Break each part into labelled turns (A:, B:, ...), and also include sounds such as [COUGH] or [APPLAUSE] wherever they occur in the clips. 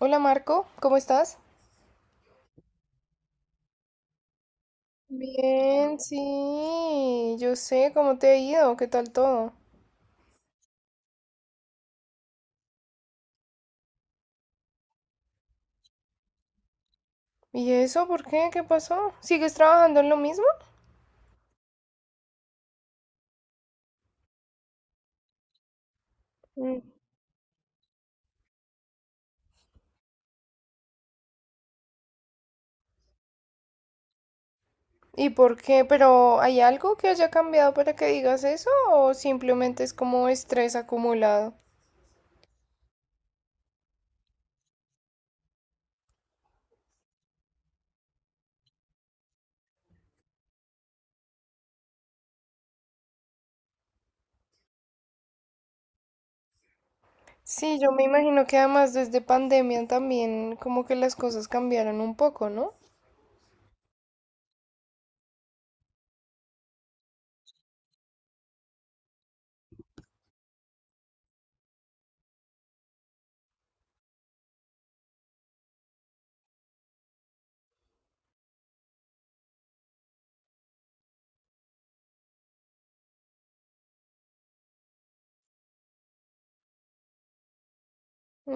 A: Hola Marco, ¿cómo estás? Bien, sí, yo sé cómo te ha ido, qué tal todo. ¿Y eso por qué? ¿Qué pasó? ¿Sigues trabajando en lo mismo? Mm. ¿Y por qué? ¿Pero hay algo que haya cambiado para que digas eso o simplemente es como estrés acumulado? Sí, yo me imagino que además desde pandemia también como que las cosas cambiaron un poco, ¿no?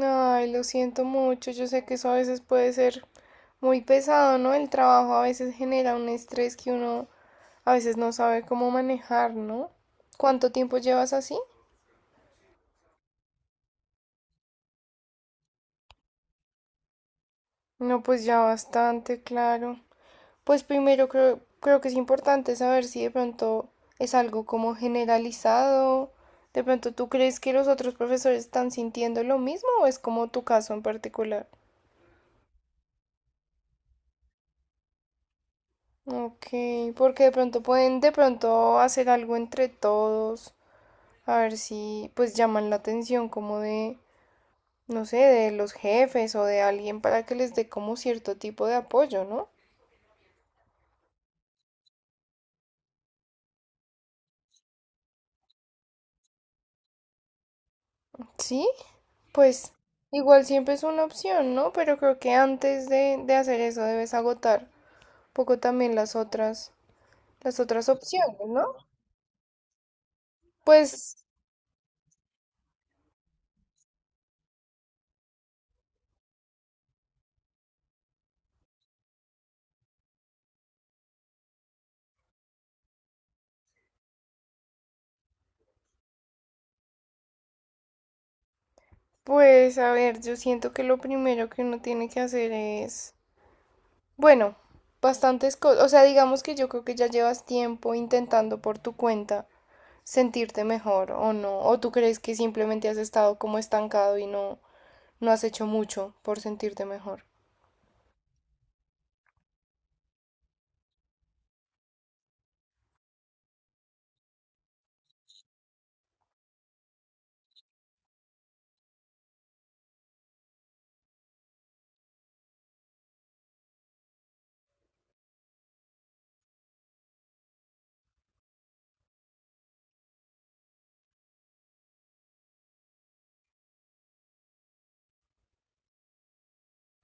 A: Ay, lo siento mucho. Yo sé que eso a veces puede ser muy pesado, ¿no? El trabajo a veces genera un estrés que uno a veces no sabe cómo manejar, ¿no? ¿Cuánto tiempo llevas así? No, pues ya bastante, claro. Pues primero creo que es importante saber si de pronto es algo como generalizado. De pronto, ¿tú crees que los otros profesores están sintiendo lo mismo o es como tu caso en particular? Ok, porque de pronto pueden de pronto hacer algo entre todos, a ver si pues llaman la atención como de, no sé, de los jefes o de alguien para que les dé como cierto tipo de apoyo, ¿no? Sí, pues igual siempre es una opción, ¿no? Pero creo que antes de hacer eso debes agotar un poco también las otras opciones, ¿no? Pues, a ver, yo siento que lo primero que uno tiene que hacer es bueno, bastantes cosas. O sea, digamos que yo creo que ya llevas tiempo intentando por tu cuenta sentirte mejor o no. O tú crees que simplemente has estado como estancado y no has hecho mucho por sentirte mejor.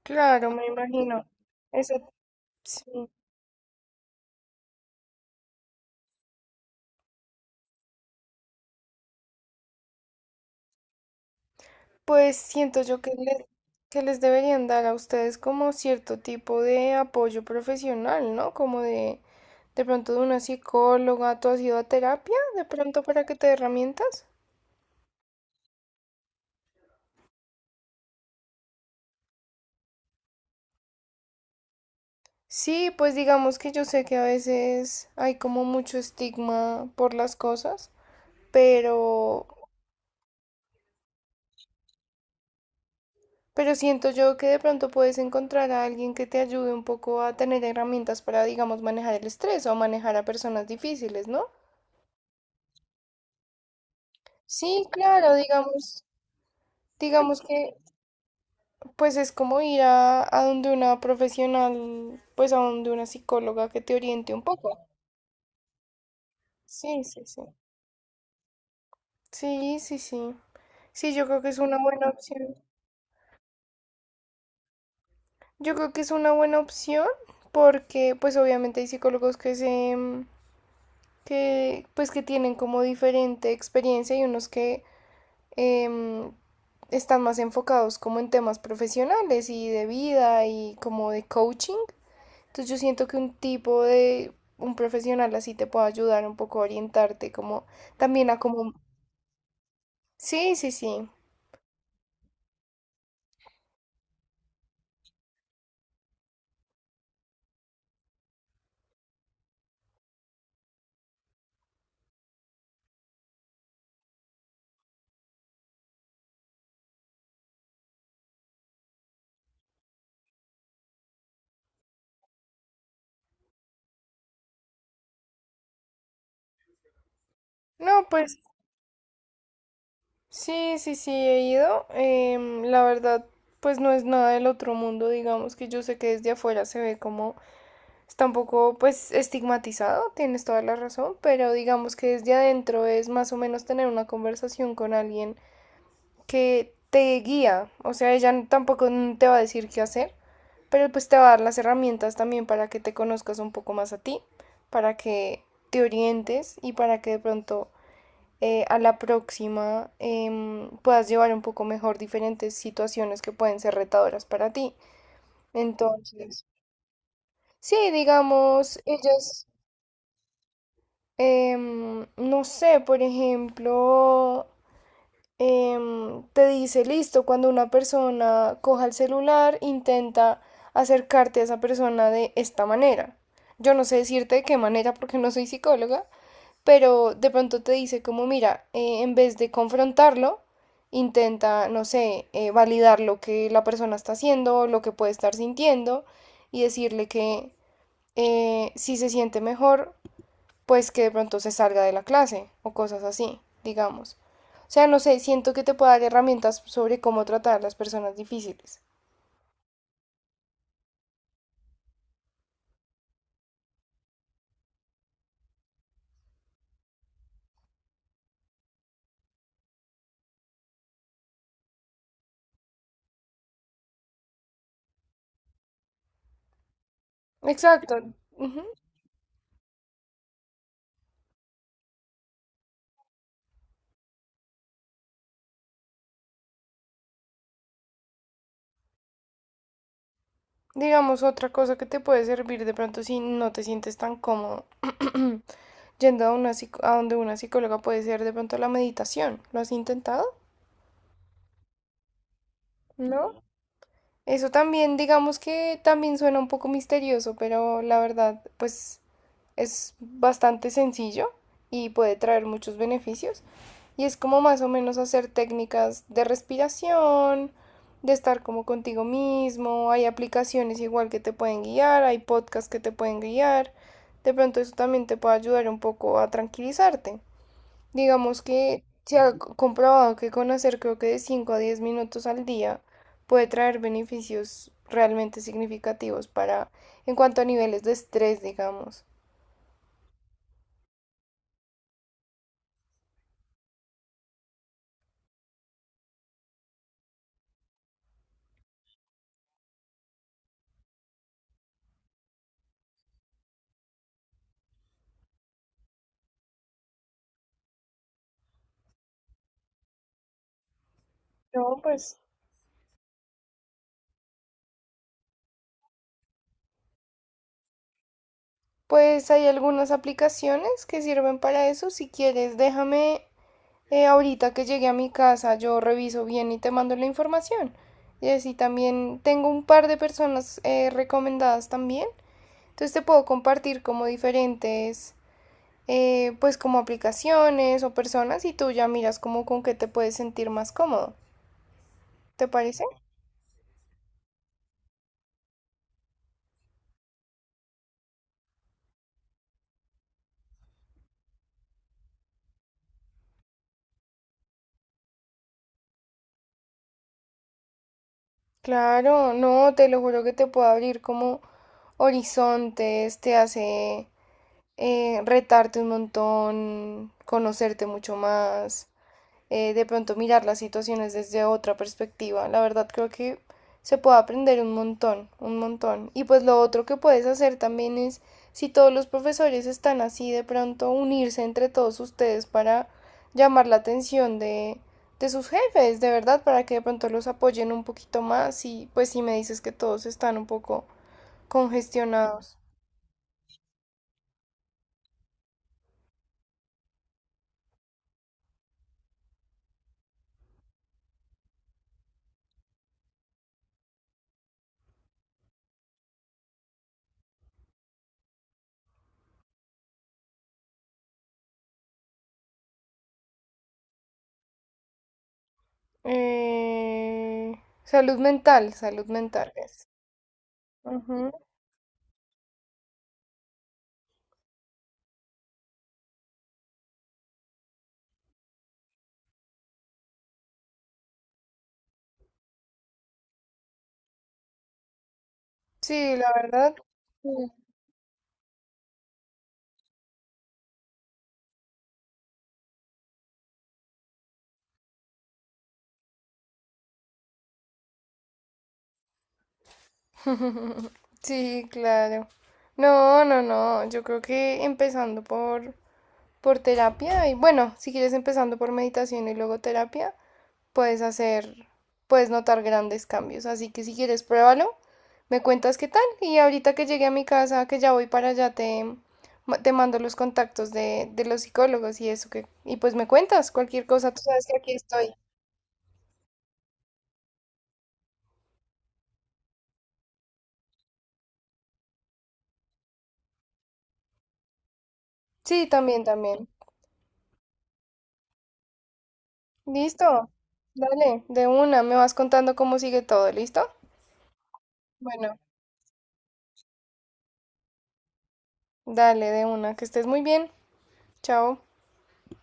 A: Claro, me imagino. Eso sí. Pues siento yo que les deberían dar a ustedes como cierto tipo de apoyo profesional, ¿no? Como de pronto de una psicóloga. ¿Tú has ido a terapia de pronto para que te dé herramientas? Sí, pues digamos que yo sé que a veces hay como mucho estigma por las cosas, pero, pero siento yo que de pronto puedes encontrar a alguien que te ayude un poco a tener herramientas para, digamos, manejar el estrés o manejar a personas difíciles, ¿no? Sí, claro, digamos que pues es como ir a donde una profesional, pues a donde una psicóloga que te oriente un poco. Sí, sí, sí. Sí, sí, sí. Sí, yo creo que es una buena opción. Yo creo que es una buena opción porque pues obviamente hay psicólogos que se que pues que tienen como diferente experiencia y unos que eh, están más enfocados como en temas profesionales y de vida y como de coaching. Entonces yo siento que un tipo de un profesional así te puede ayudar un poco a orientarte como también a como sí, sí, sí. No, pues sí, sí, sí, he ido. La verdad, pues no es nada del otro mundo, digamos que yo sé que desde afuera se ve como está un poco, pues, estigmatizado, tienes toda la razón, pero digamos que desde adentro es más o menos tener una conversación con alguien que te guía, o sea, ella tampoco te va a decir qué hacer, pero pues te va a dar las herramientas también para que te conozcas un poco más a ti, para que te orientes y para que de pronto a la próxima puedas llevar un poco mejor diferentes situaciones que pueden ser retadoras para ti. Entonces, sí, digamos, ellas, no sé, por ejemplo, te dice, listo, cuando una persona coja el celular, intenta acercarte a esa persona de esta manera. Yo no sé decirte de qué manera porque no soy psicóloga, pero de pronto te dice como, mira, en vez de confrontarlo, intenta, no sé, validar lo que la persona está haciendo, lo que puede estar sintiendo y decirle que si se siente mejor, pues que de pronto se salga de la clase o cosas así, digamos. O sea, no sé, siento que te puede dar herramientas sobre cómo tratar a las personas difíciles. Exacto. Ujú. Digamos, otra cosa que te puede servir de pronto si no te sientes tan cómodo [CLEARS THROAT] yendo a, una, a donde una psicóloga puede ser de pronto la meditación. ¿Lo has intentado? ¿No? Eso también, digamos que también suena un poco misterioso, pero la verdad, pues es bastante sencillo y puede traer muchos beneficios. Y es como más o menos hacer técnicas de respiración, de estar como contigo mismo. Hay aplicaciones igual que te pueden guiar, hay podcasts que te pueden guiar. De pronto eso también te puede ayudar un poco a tranquilizarte. Digamos que se ha comprobado que conocer creo que de 5 a 10 minutos al día puede traer beneficios realmente significativos para, en cuanto a niveles de estrés, digamos. No, pues. Pues hay algunas aplicaciones que sirven para eso. Si quieres, déjame ahorita que llegue a mi casa, yo reviso bien y te mando la información. Y así también tengo un par de personas recomendadas también. Entonces te puedo compartir como diferentes pues como aplicaciones o personas y tú ya miras como con qué te puedes sentir más cómodo. ¿Te parece? Claro, no, te lo juro que te puede abrir como horizontes, te hace retarte un montón, conocerte mucho más. De pronto mirar las situaciones desde otra perspectiva. La verdad creo que se puede aprender un montón, un montón. Y pues lo otro que puedes hacer también es, si todos los profesores están así, de pronto unirse entre todos ustedes para llamar la atención de sus jefes, de verdad, para que de pronto los apoyen un poquito más y pues si me dices que todos están un poco congestionados. Salud mental, salud mental es. Ujú. Sí, la verdad. Sí. [LAUGHS] Sí, claro. No, no, no. Yo creo que empezando por terapia y bueno, si quieres empezando por meditación y luego terapia, puedes hacer, puedes notar grandes cambios. Así que si quieres, pruébalo, me cuentas qué tal y ahorita que llegue a mi casa, que ya voy para allá, te, te mando los contactos de los psicólogos y eso que, y pues me cuentas cualquier cosa, tú sabes que aquí estoy. Sí, también, también. Listo. Dale, de una, me vas contando cómo sigue todo, ¿listo? Bueno, dale de una, que estés muy bien. Chao.